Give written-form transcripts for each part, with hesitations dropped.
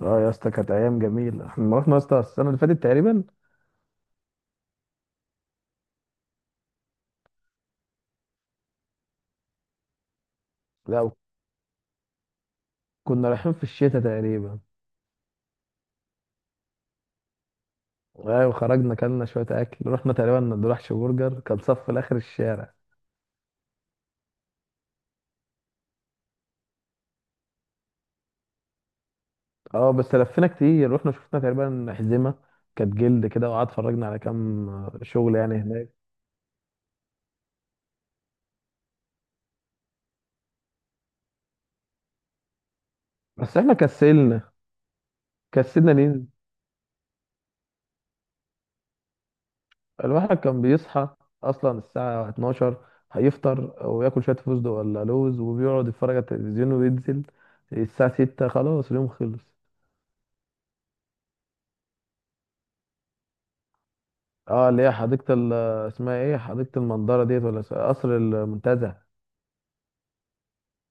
اه، يا اسطى كانت ايام جميله. احنا رحنا يا اسطى السنه اللي فاتت تقريبا. لا، كنا رايحين في الشتاء تقريبا. ايوه، خرجنا كلنا شويه اكل، رحنا تقريبا برجر، كان صف لاخر الشارع. اه، بس لفينا كتير، رحنا شفنا تقريبا حزمه. كانت جلد كده، وقعد اتفرجنا على كام شغل يعني هناك. بس احنا كسلنا. كسلنا ننزل. الواحد كان بيصحى اصلا الساعه 12، هيفطر وياكل شويه فستق ولا لوز، وبيقعد يتفرج على التلفزيون وينزل الساعه 6 خلاص، اليوم خلص. اه، اللي هي حديقة اسمها ايه؟ حديقة المندرة ديت ولا قصر المنتزه؟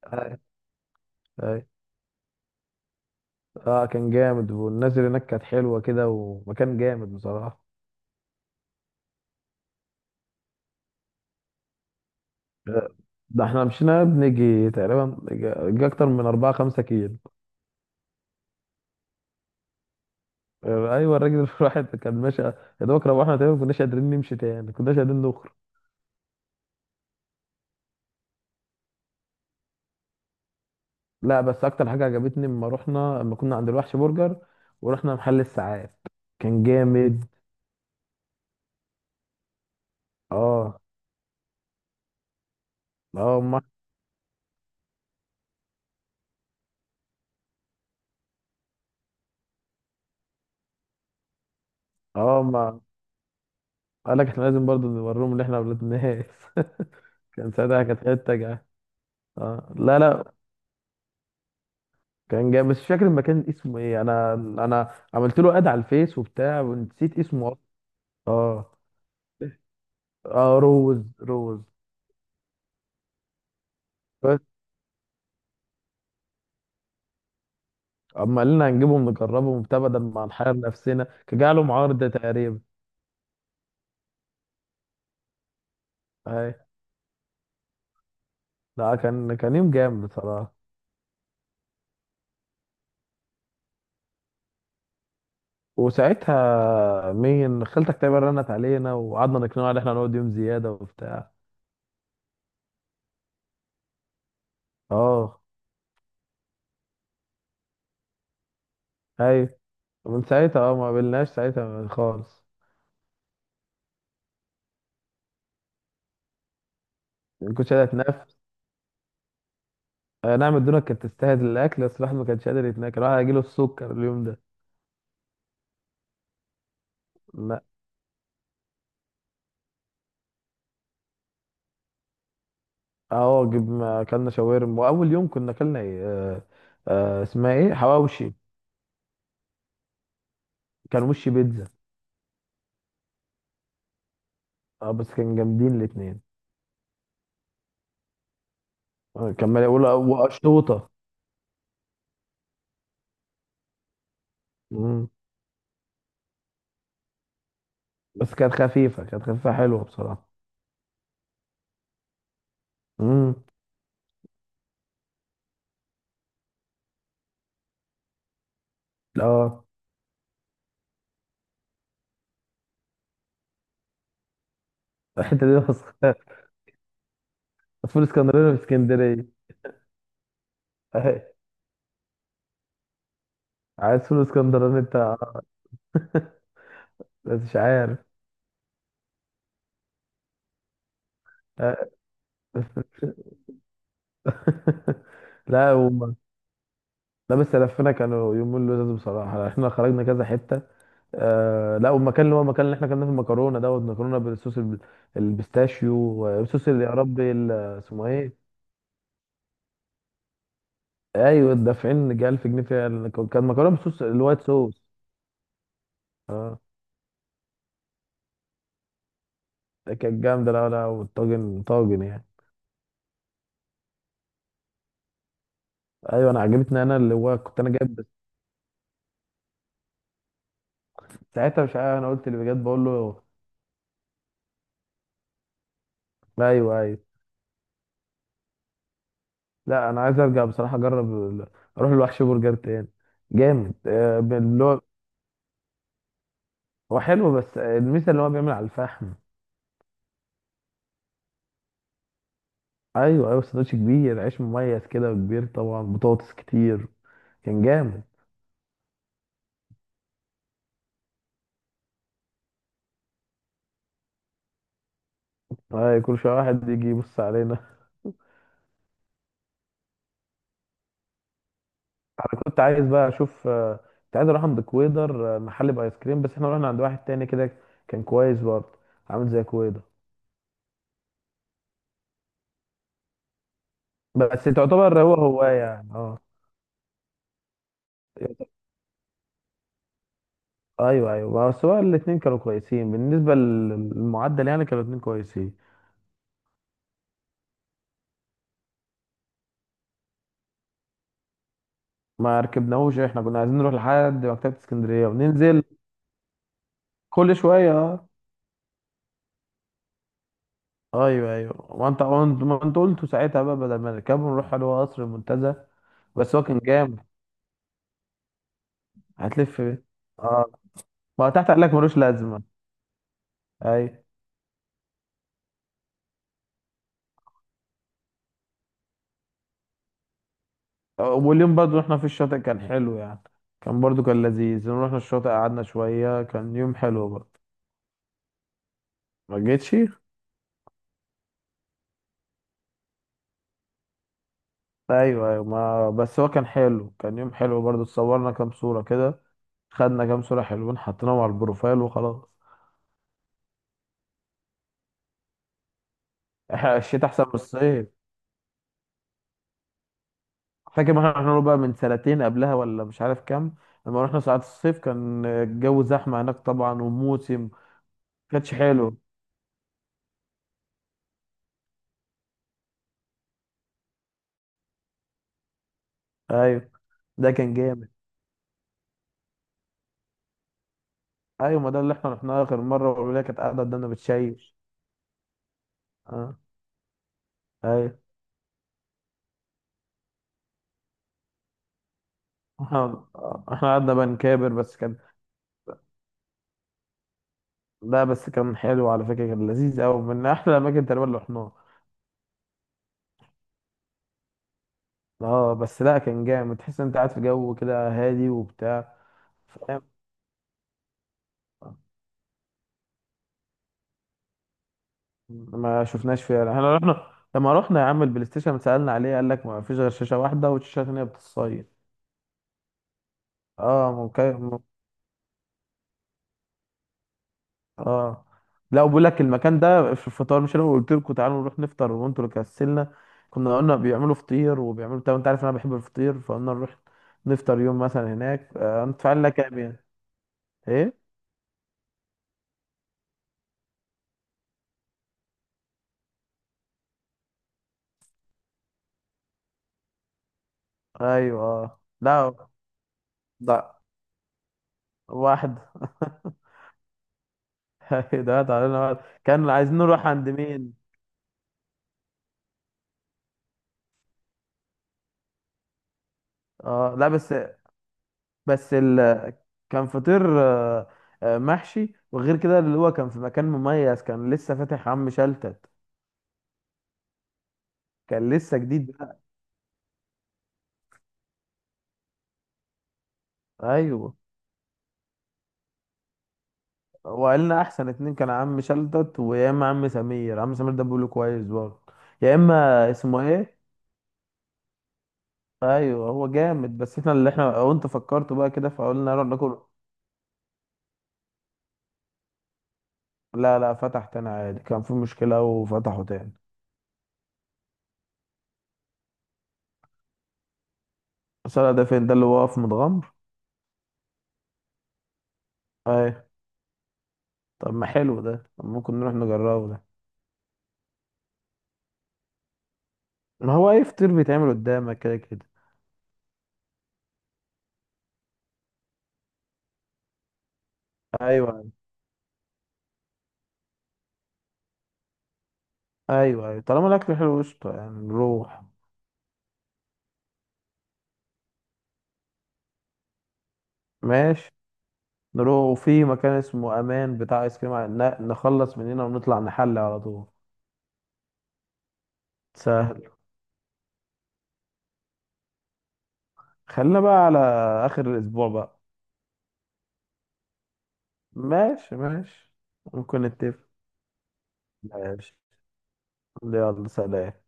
آه. آه. اه كان جامد، والناس اللي هناك كانت حلوة كده، ومكان جامد بصراحة. آه، ده احنا مشينا بنيجي تقريبا جا جا اكتر من أربعة خمسة كيلو. آه، ايوه، الراجل الواحد كان ماشي يا دوبك، روحنا تقريبا ما كناش قادرين نمشي تاني، ما كناش قادرين نخرج. لا، بس اكتر حاجة عجبتني لما كنا عند الوحش برجر، ورحنا محل الساعات كان جامد. اه، اه، ما. اه، ما قال لك احنا لازم برضه نوريهم ان احنا اولاد ناس. كان ساعتها كانت حته جا. اه، لا لا، كان جاي بس مش فاكر المكان اسمه ايه، انا انا عملت له اد على الفيس وبتاع ونسيت اسمه اصلا. اه اه، روز روز. بس اما قالنا هنجيبهم نجربهم وبتاع، بدل ما نحير نفسنا كان جاي لهم عرض تقريبا. اي، لا كان يوم جامد بصراحه. وساعتها مين خالتك تقريبا رنت علينا، وقعدنا نقنعها ان احنا نقعد يوم زياده وبتاع. اه، ايوه، ومن ساعتها ما قابلناش ساعتها خالص. ما كنتش قادر اتنفس. آه، نعم، الدنيا كانت تستاهل الاكل، بس الواحد ما كانش قادر يتناكل، الواحد هيجيله السكر اليوم ده. لا، اه، ما اكلنا شاورما، واول يوم كنا اكلنا ايه؟ آه، اسمها ايه؟ حواوشي. كان وش بيتزا. اه، بس كان جامدين الاتنين. آه، كان مالي اقول، وقشطوطه. مم. بس كانت خفيفه حلوه بصراحه. امم. اه، الحته دي فول اسكندراني في اسكندريه. آه، عايز فول اسكندراني انت؟ بس مش عارف. آه. لا هم. لا، بس لفينا كانوا يومين لذاذ بصراحة يعني، احنا خرجنا كذا حتة. آه، لا، والمكان اللي هو المكان اللي احنا كنا في المكرونة دوت، مكرونة بالصوص البيستاشيو، الصوص اللي يا ربي اسمه ايه. ايوه، دافعين جه 1000 جنيه فيها كان مكرونة بالصوص الوايت صوص. اه، ده كانت جامدة. لا لا، والطاجن طاجن يعني. ايوه، انا عجبتني، انا اللي هو كنت انا جايب بس. ساعتها مش عارف، انا قلت اللي بجد بقول له. ايوه ايوه. لا، انا عايز ارجع بصراحه اجرب اروح الوحش برجر تاني جامد. آه، اللي هو هو حلو بس، الميزه اللي هو بيعمل على الفحم. ايوه ايوه، سندوتش كبير، عيش مميز كده وكبير، طبعا بطاطس كتير، كان جامد. آه، كل شويه واحد يجي يبص علينا. انا كنت عايز بقى اشوف، كنت عايز اروح عند كويدر، محل بايس كريم، بس احنا رحنا عند واحد تاني كده، كان كويس برضه، عامل زي كويدر. بس تعتبر هو هو يعني اه ايوه ايوه، بس هو الاثنين كانوا كويسين بالنسبه للمعدل يعني، كانوا الاثنين كويسين. ما ركبناهوش، احنا كنا عايزين نروح لحد مكتبه اسكندريه وننزل. كل شويه اه ايوه ايوه، وانت ما انت قلت ساعتها، بقى بدل ما نركبه نروح على قصر المنتزه. بس هو كان جامد. هتلف بيه. اه، ما هو تحت قال لك ملوش لازمه. اي. واليوم برضو احنا في الشاطئ كان حلو يعني، كان لذيذ، رحنا الشاطئ قعدنا شويه، كان يوم حلو برضو. ما جيتش. ايوه ايوه، ما بس هو كان حلو، كان يوم حلو برضو، اتصورنا كام صورة كده، خدنا كام صورة حلوين حطيناهم على البروفايل وخلاص. الشتاء احسن من الصيف. فاكر ما احنا رحنا له بقى من سنتين قبلها، ولا مش عارف كام. لما رحنا ساعات الصيف كان الجو زحمة هناك طبعا وموسم، كانش حلو. ايوه، ده كان جامد. ايوه، ما ده اللي احنا رحناه اخر مرة، والولاد كانت قاعدة قدامنا بتشيش. اه ايوه، احنا احنا قعدنا بنكابر بس كان. لا، بس كان حلو على فكرة، كان لذيذ قوي، من احلى الاماكن تقريبا اللي رحناها. اه، بس لا كان جامد، تحس انت قاعد في جو كده هادي وبتاع. فاهم. ما شفناش فيها، احنا رحنا لما رحنا يا عم البلاي ستيشن سألنا عليه، قال لك ما فيش غير شاشة واحدة، والشاشة التانية بتصيد. اه، ممكن. اه، لا، وبيقول لك المكان ده في الفطار، مش انا قلت لكم تعالوا نروح نفطر وانتوا اللي كسلنا. كنا قلنا بيعملوا فطير وبيعملوا بتاع، انت عارف انا بحب الفطير، فقلنا نروح نفطر يوم مثلا هناك، ندفع لنا كام يعني. ايه؟ ايوه، لا لا، واحد. ده تعالى نقعد. كان عايزين نروح عند مين. اه، لا بس بس كان فطير محشي، وغير كده اللي هو كان في مكان مميز، كان لسه فاتح عم شلتت، كان لسه جديد بقى. ايوه، وقالنا احسن اتنين، كان عم شلتت، ويا اما عم سمير، عم سمير ده بيقوله كويس برضه، يا اما اسمه ايه. ايوه، هو جامد، بس احنا اللي احنا وانت فكرته بقى كده، فقلنا نروح ناكل. لا لا، فتح تاني عادي، كان في مشكلة وفتحه تاني. الصلاة ده فين؟ ده اللي واقف متغمر. اي، طب ما حلو ده، طب ممكن نروح نجربه ده. ما هو اي فطير بيتعمل قدامك كده كده. ايوه ايوه ايوه، طالما الاكل حلو قشطه يعني نروح. ماشي. نروح، وفي مكان اسمه امان بتاع ايس كريم نخلص من هنا ونطلع نحل على طول. سهل. خلينا بقى على اخر الاسبوع بقى. ماشي ماشي، ممكن نتفق. ماشي. يلا، سلام.